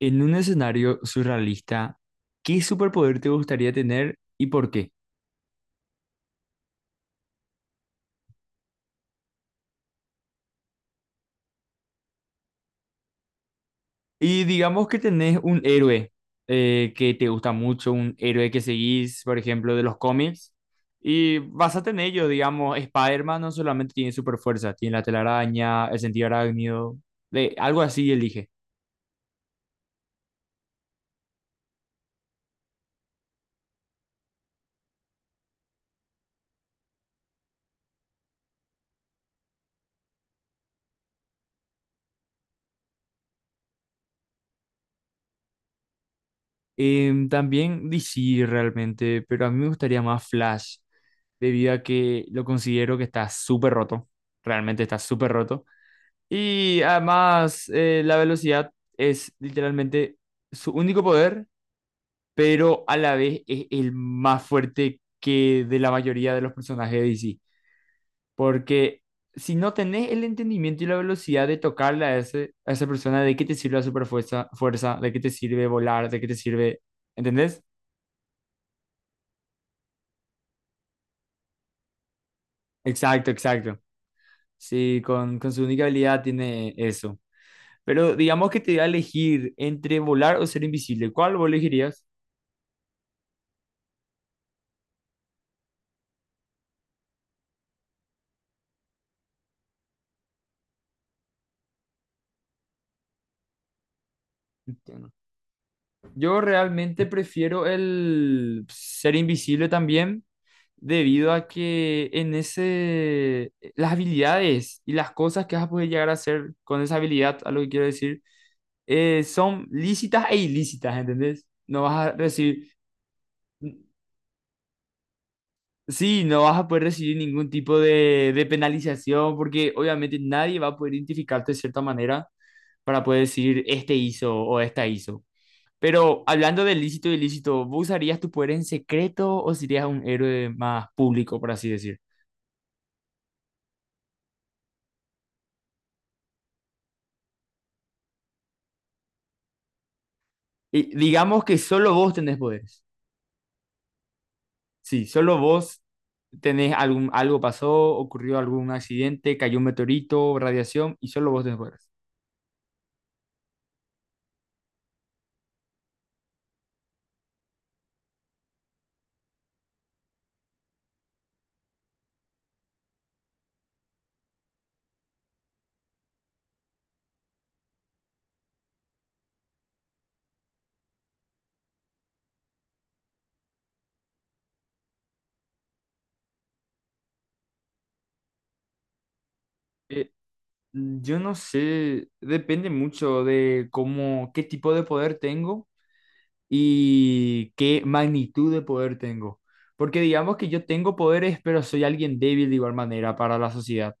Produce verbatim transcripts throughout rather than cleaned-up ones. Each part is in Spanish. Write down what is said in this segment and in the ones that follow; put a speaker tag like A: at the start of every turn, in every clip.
A: En un escenario surrealista, ¿qué superpoder te gustaría tener y por qué? Y digamos que tenés un héroe eh, que te gusta mucho, un héroe que seguís, por ejemplo, de los cómics, y basate en ello, digamos, Spider-Man no solamente tiene superfuerza, tiene la telaraña, el sentido arácnido, de, algo así elige. Em, también D C realmente, pero a mí me gustaría más Flash, debido a que lo considero que está súper roto, realmente está súper roto. Y además, eh, la velocidad es literalmente su único poder, pero a la vez es el más fuerte que de la mayoría de los personajes de D C. Porque si no tenés el entendimiento y la velocidad de tocarle a, ese, a esa persona, ¿de qué te sirve la superfuerza, fuerza? ¿De qué te sirve volar? ¿De qué te sirve? ¿Entendés? Exacto, exacto. Sí, con, con su única habilidad tiene eso. Pero digamos que te da a elegir entre volar o ser invisible. ¿Cuál vos elegirías? Yo realmente prefiero el ser invisible también debido a que en ese, las habilidades y las cosas que vas a poder llegar a hacer con esa habilidad, a lo que quiero decir, eh, son lícitas e ilícitas, ¿entendés? No vas a recibir, sí, no vas a poder recibir ningún tipo de, de penalización porque obviamente nadie va a poder identificarte de cierta manera para poder decir, este hizo o esta hizo. Pero hablando de lícito y ilícito, ¿vos usarías tu poder en secreto o serías un héroe más público, por así decir? Y digamos que solo vos tenés poderes. Sí, solo vos tenés algún, algo pasó, ocurrió algún accidente, cayó un meteorito, radiación, y solo vos tenés poderes. Eh, yo no sé, depende mucho de cómo, qué tipo de poder tengo y qué magnitud de poder tengo. Porque digamos que yo tengo poderes, pero soy alguien débil de igual manera para la sociedad.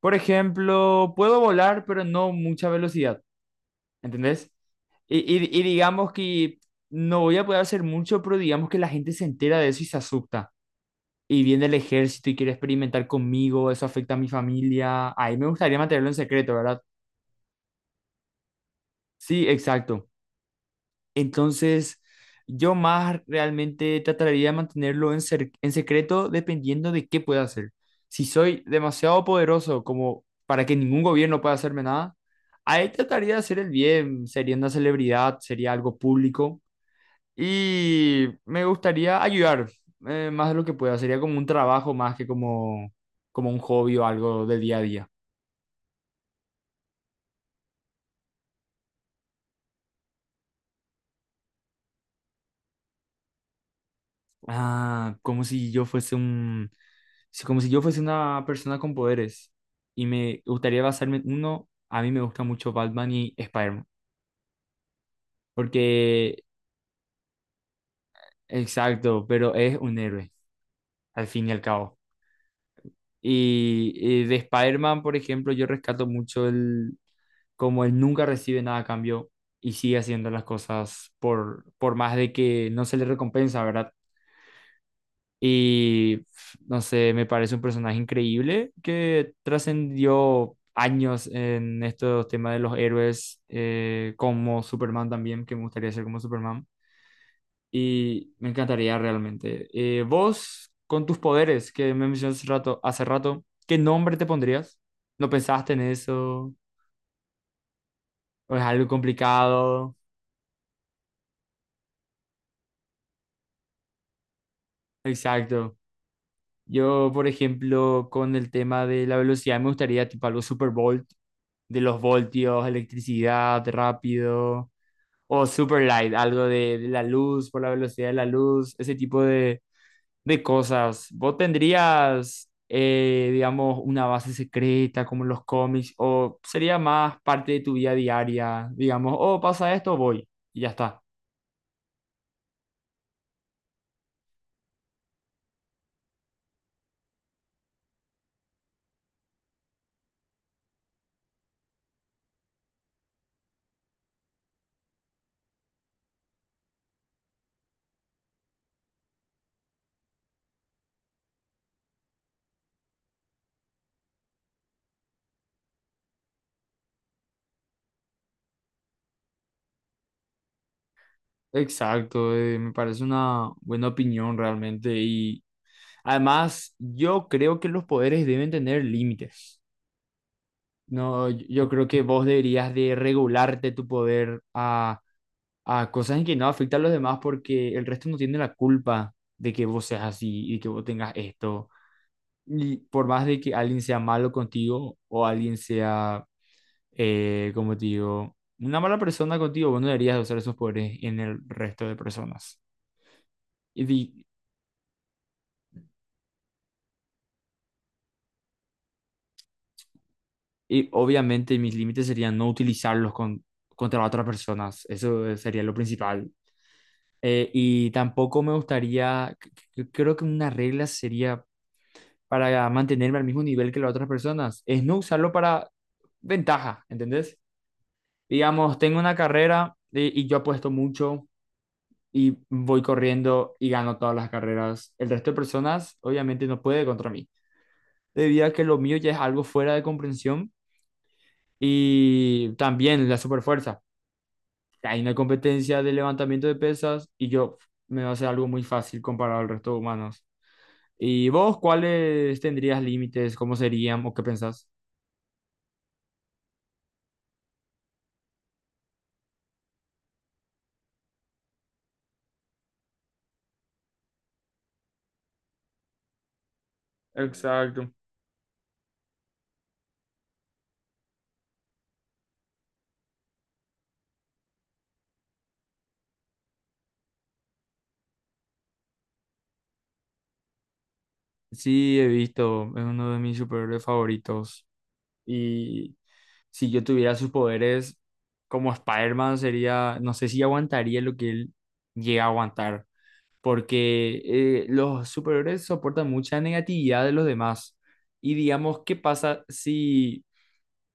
A: Por ejemplo, puedo volar, pero no mucha velocidad, ¿entendés? Y, y- y digamos que no voy a poder hacer mucho, pero digamos que la gente se entera de eso y se asusta. Y viene el ejército y quiere experimentar conmigo, eso afecta a mi familia. Ahí me gustaría mantenerlo en secreto, ¿verdad? Sí, exacto. Entonces, yo más realmente trataría de mantenerlo en, cer- en secreto dependiendo de qué pueda hacer. Si soy demasiado poderoso como para que ningún gobierno pueda hacerme nada, ahí trataría de hacer el bien. Sería una celebridad, sería algo público y me gustaría ayudar eh, más de lo que pueda. Sería como un trabajo más que como, como un hobby o algo de día a día. Ah, como si yo fuese un, si- como si yo fuese una persona con poderes y me gustaría basarme en uno, a mí me gusta mucho Batman y Spider-Man, porque, exacto, pero es un héroe, al fin y al cabo. Y, y de Spider-Man, por ejemplo, yo rescato mucho el, como él nunca recibe nada a cambio y sigue haciendo las cosas por, por más de que no se le recompensa, ¿verdad? Y no sé, me parece un personaje increíble que trascendió años en estos temas de los héroes, eh, como Superman también, que me gustaría ser como Superman. Y me encantaría realmente. Eh, vos, con tus poderes que me mencionaste hace rato, hace rato, ¿qué nombre te pondrías? ¿No pensaste en eso? ¿O es algo complicado? Exacto. Yo, por ejemplo, con el tema de la velocidad, me gustaría tipo algo Super Bowl de los voltios, electricidad rápido, o super light, algo de, de la luz, por la velocidad de la luz, ese tipo de, de cosas. ¿Vos tendrías, eh, digamos, una base secreta como en los cómics, o sería más parte de tu vida diaria, digamos, oh, pasa esto, voy, y ya está. Exacto, eh, me parece una buena opinión realmente y además yo creo que los poderes deben tener límites. No, yo yo creo que vos deberías de regularte tu poder a, a cosas en que no afecta a los demás porque el resto no tiene la culpa de que vos seas así y que vos tengas esto. Y por más de que alguien sea malo contigo o alguien sea, eh, como te digo, una mala persona contigo, vos no deberías de usar esos poderes en el resto de personas. Y, di- y obviamente mis límites serían no utilizarlos con, contra otras personas. Eso eh, sería lo principal. Eh, y tampoco me gustaría, c- c- creo que una regla sería para mantenerme al mismo nivel que las otras personas, es no usarlo para ventaja, ¿entendés? Digamos, tengo una carrera y, y yo apuesto mucho y voy corriendo y gano todas las carreras. El resto de personas obviamente no puede contra mí, debido a que lo mío ya es algo fuera de comprensión y también la superfuerza. Hay una competencia de levantamiento de pesas y yo me va a hacer algo muy fácil comparado al resto de humanos. ¿Y vos cuáles tendrías límites? ¿Cómo serían o qué pensás? Exacto. Sí, he visto, es uno de mis superhéroes favoritos. Y si yo tuviera sus poderes como Spider-Man, sería, no sé si aguantaría lo que él llega a aguantar, porque eh, los superhéroes soportan mucha negatividad de los demás. Y digamos, ¿qué pasa si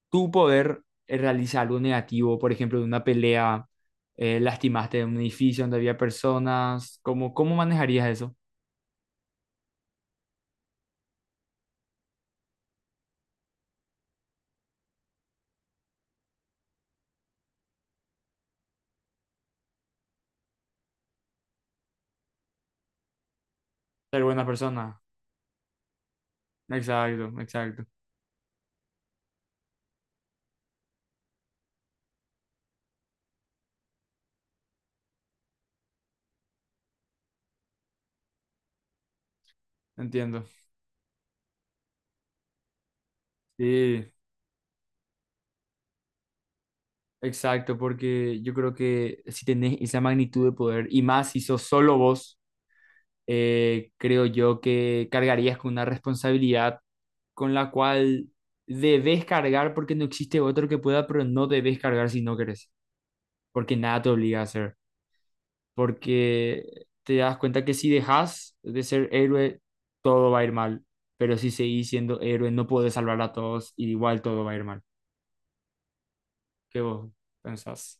A: tú poder eh, realizar algo negativo, por ejemplo, de una pelea, eh, lastimaste en un edificio donde había personas, ¿cómo, cómo manejarías eso? Ser buena persona. Exacto, exacto. Entiendo. Sí, exacto, porque yo creo que si tenés esa magnitud de poder, y más si sos solo vos, eh, creo yo que cargarías con una responsabilidad con la cual debes cargar porque no existe otro que pueda, pero no debes cargar si no querés, porque nada te obliga a hacer. Porque te das cuenta que si dejas de ser héroe, todo va a ir mal, pero si seguís siendo héroe, no podés salvar a todos y igual todo va a ir mal. ¿Qué vos pensás?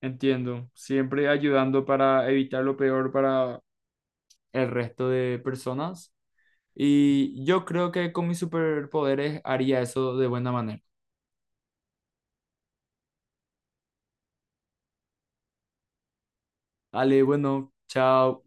A: Entiendo, siempre ayudando para evitar lo peor para el resto de personas. Y yo creo que con mis superpoderes haría eso de buena manera. Dale, bueno, chao.